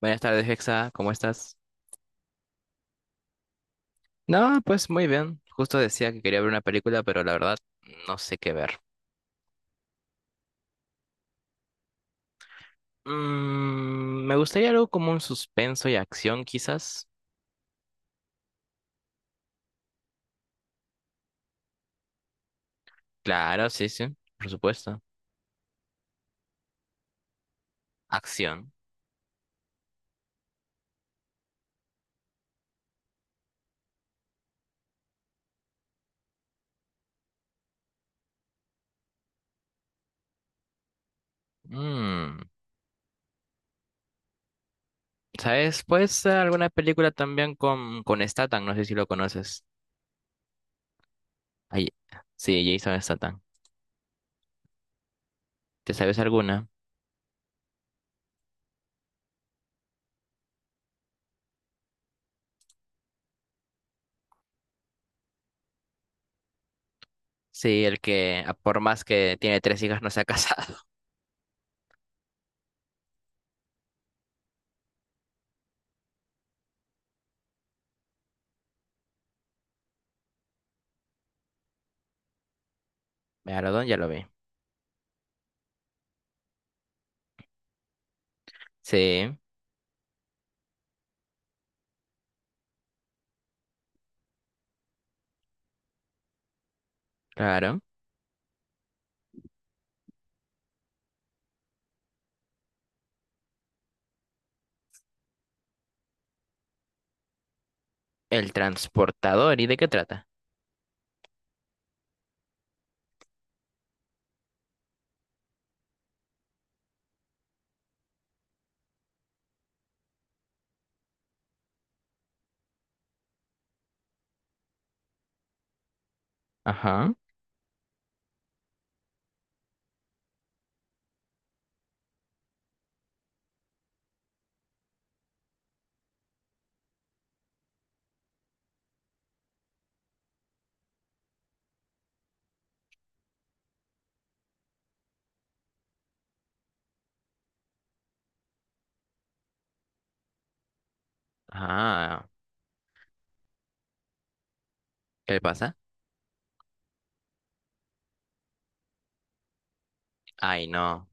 Buenas tardes, Hexa, ¿cómo estás? No, pues muy bien. Justo decía que quería ver una película, pero la verdad no sé qué ver. Me gustaría algo como un suspenso y acción, quizás. Claro, sí, sí, por supuesto. Acción. Mm, ¿Sabes? Pues ser alguna película también con Statham, no sé si lo conoces. Ay, sí, Jason Statham. ¿Te sabes alguna? Sí, el que a por más que tiene tres hijas no se ha casado. Megalodón ya lo vi. Sí, claro. El transportador, ¿y de qué trata? Ajá. Ah, ¿qué le pasa? Ay, no.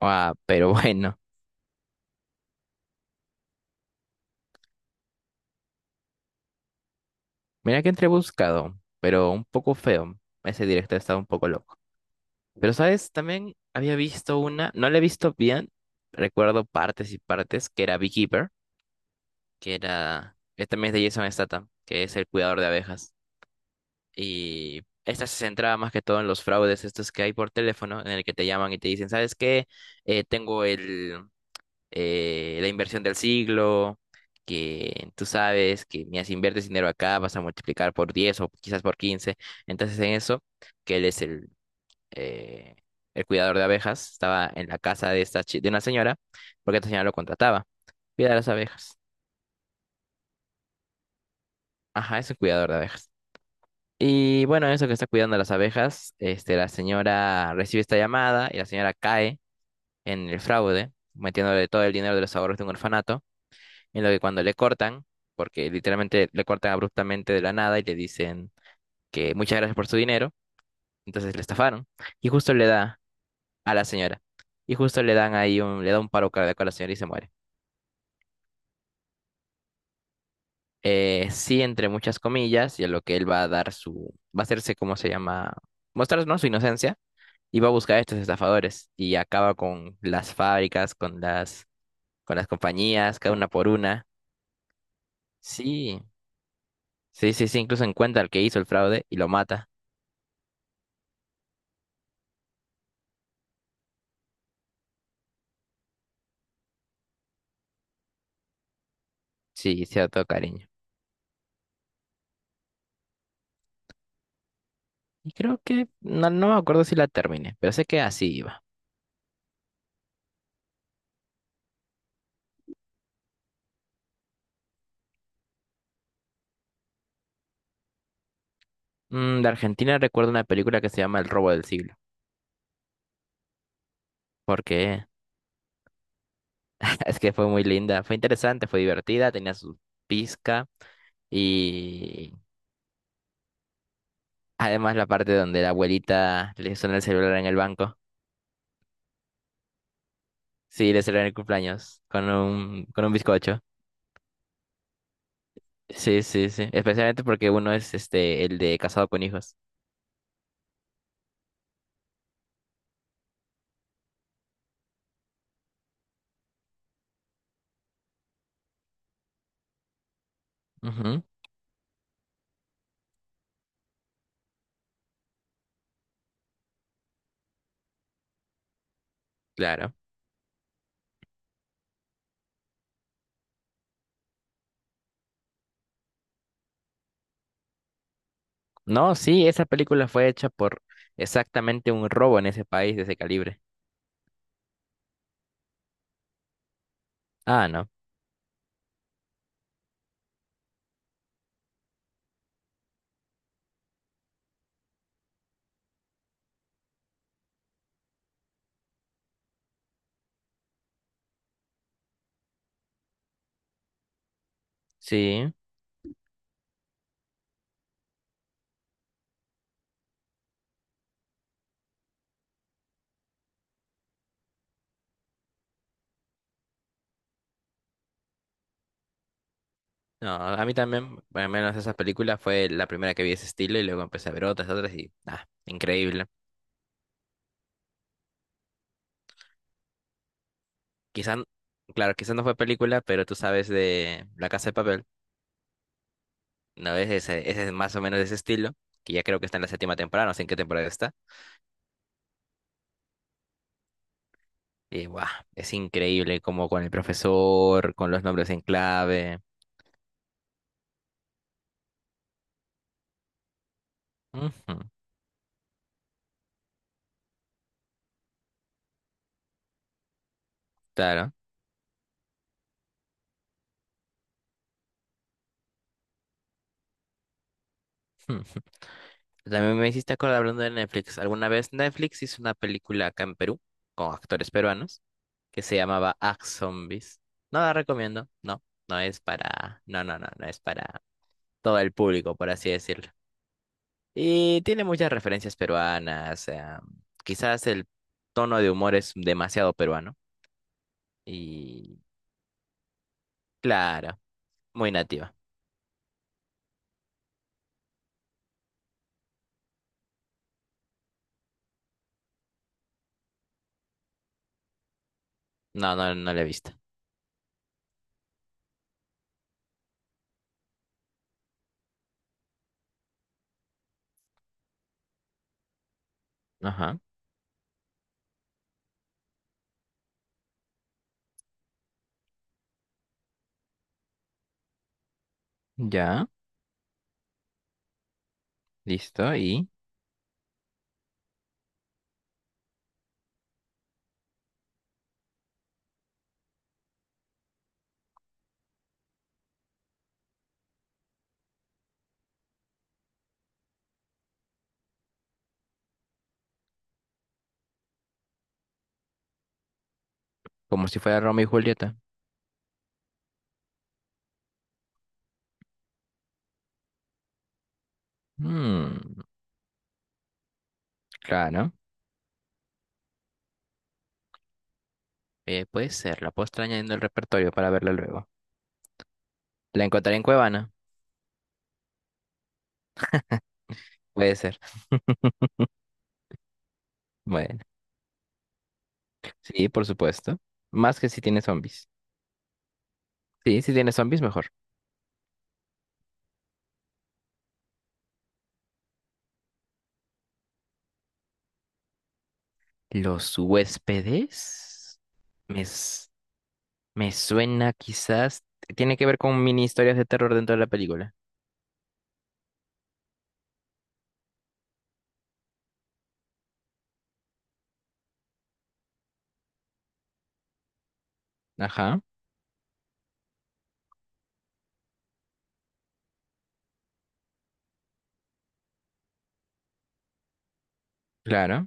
Ah, pero bueno. Mira que entré buscado, pero un poco feo. Ese directo estaba un poco loco. Pero, ¿sabes? También había visto una, no la he visto bien, recuerdo partes y partes, que era Beekeeper. Que era... Este mes de Jason Statham, que es el cuidador de abejas. Y esta se centraba más que todo en los fraudes estos que hay por teléfono, en el que te llaman y te dicen, ¿sabes qué? Tengo el... la inversión del siglo, que tú sabes que mira, si inviertes dinero acá vas a multiplicar por 10 o quizás por 15. Entonces en eso, que él es eh, el cuidador de abejas, estaba en la casa de, esta, de una señora, porque esta señora lo contrataba, cuidar las abejas. Ajá, es un cuidador de abejas. Y bueno, eso que está cuidando las abejas, este, la señora recibe esta llamada y la señora cae en el fraude, metiéndole todo el dinero de los ahorros de un orfanato. En lo que cuando le cortan, porque literalmente le cortan abruptamente de la nada y le dicen que muchas gracias por su dinero, entonces le estafaron. Y justo le da a la señora. Y justo le dan ahí un, le da un paro cardíaco a la señora y se muere. Sí, entre muchas comillas, y a lo que él va a dar su, va a hacerse, ¿cómo se llama? Mostrar, ¿no? Su inocencia. Y va a buscar a estos estafadores. Y acaba con las fábricas, con las compañías, cada una por una. Sí, sí, sí, sí, incluso encuentra al que hizo el fraude y lo mata. Sí, cierto cariño. Y creo que no, no me acuerdo si la terminé, pero sé que así iba. De Argentina recuerdo una película que se llama El robo del siglo, porque es que fue muy linda, fue interesante, fue divertida, tenía su pizca. Y además la parte donde la abuelita le suena el celular en el banco. Sí, le celebran el cumpleaños con un bizcocho. Sí, sí, sí, especialmente porque uno es este el de casado con hijos. Ujú, claro. No, sí, esa película fue hecha por exactamente un robo en ese país de ese calibre. Ah, no. Sí. No, a mí también, bueno, al menos esa película fue la primera que vi de ese estilo y luego empecé a ver otras, otras y, ah, increíble. Quizás, claro, quizás no fue película, pero tú sabes de La Casa de Papel, ¿no? Es ese, ese es más o menos de ese estilo, que ya creo que está en la séptima temporada, no sé en qué temporada está. Y, guau, es increíble como con el profesor, con los nombres en clave. Ujú, claro. También me hiciste acordar hablando de Netflix. ¿Alguna vez Netflix hizo una película acá en Perú con actores peruanos que se llamaba Ax Zombies? No la recomiendo, no, no es para, no, no, no, no es para todo el público, por así decirlo. Y tiene muchas referencias peruanas, quizás el tono de humor es demasiado peruano y claro, muy nativa. No, no, no la he visto. Ajá, ya, listo, y como si fuera Romeo y Julieta. Mm, claro. Puede ser, la puedo estar añadiendo el repertorio para verla luego. ¿La encontraré en Cuevana? Puede ser. Bueno, sí, por supuesto. Más que si tiene zombies. Sí, si tiene zombies, mejor. Los huéspedes. Me, s- me suena quizás. Tiene que ver con mini historias de terror dentro de la película. Ajá, claro.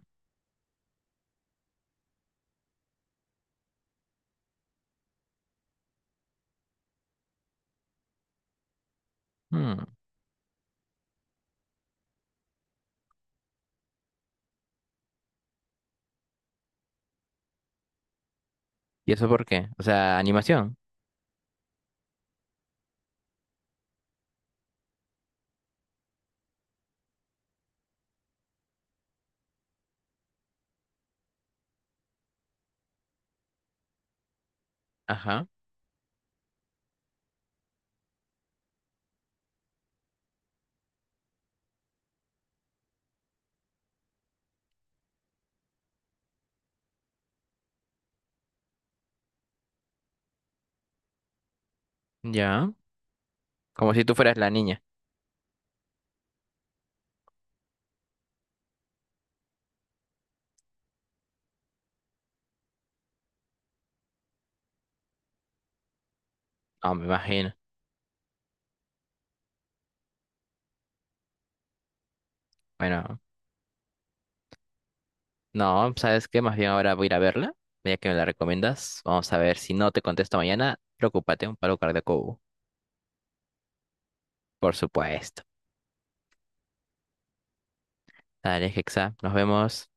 Mm, ¿Y eso por qué? O sea, animación. Ajá, ya. Como si tú fueras la niña. No, me imagino. Bueno, no, ¿sabes qué? Más bien ahora voy a ir a verla, ya que me la recomiendas. Vamos a ver, si no te contesto mañana, preocúpate, un paro cardíaco, hubo. Por supuesto. Dale, Hexa, nos vemos.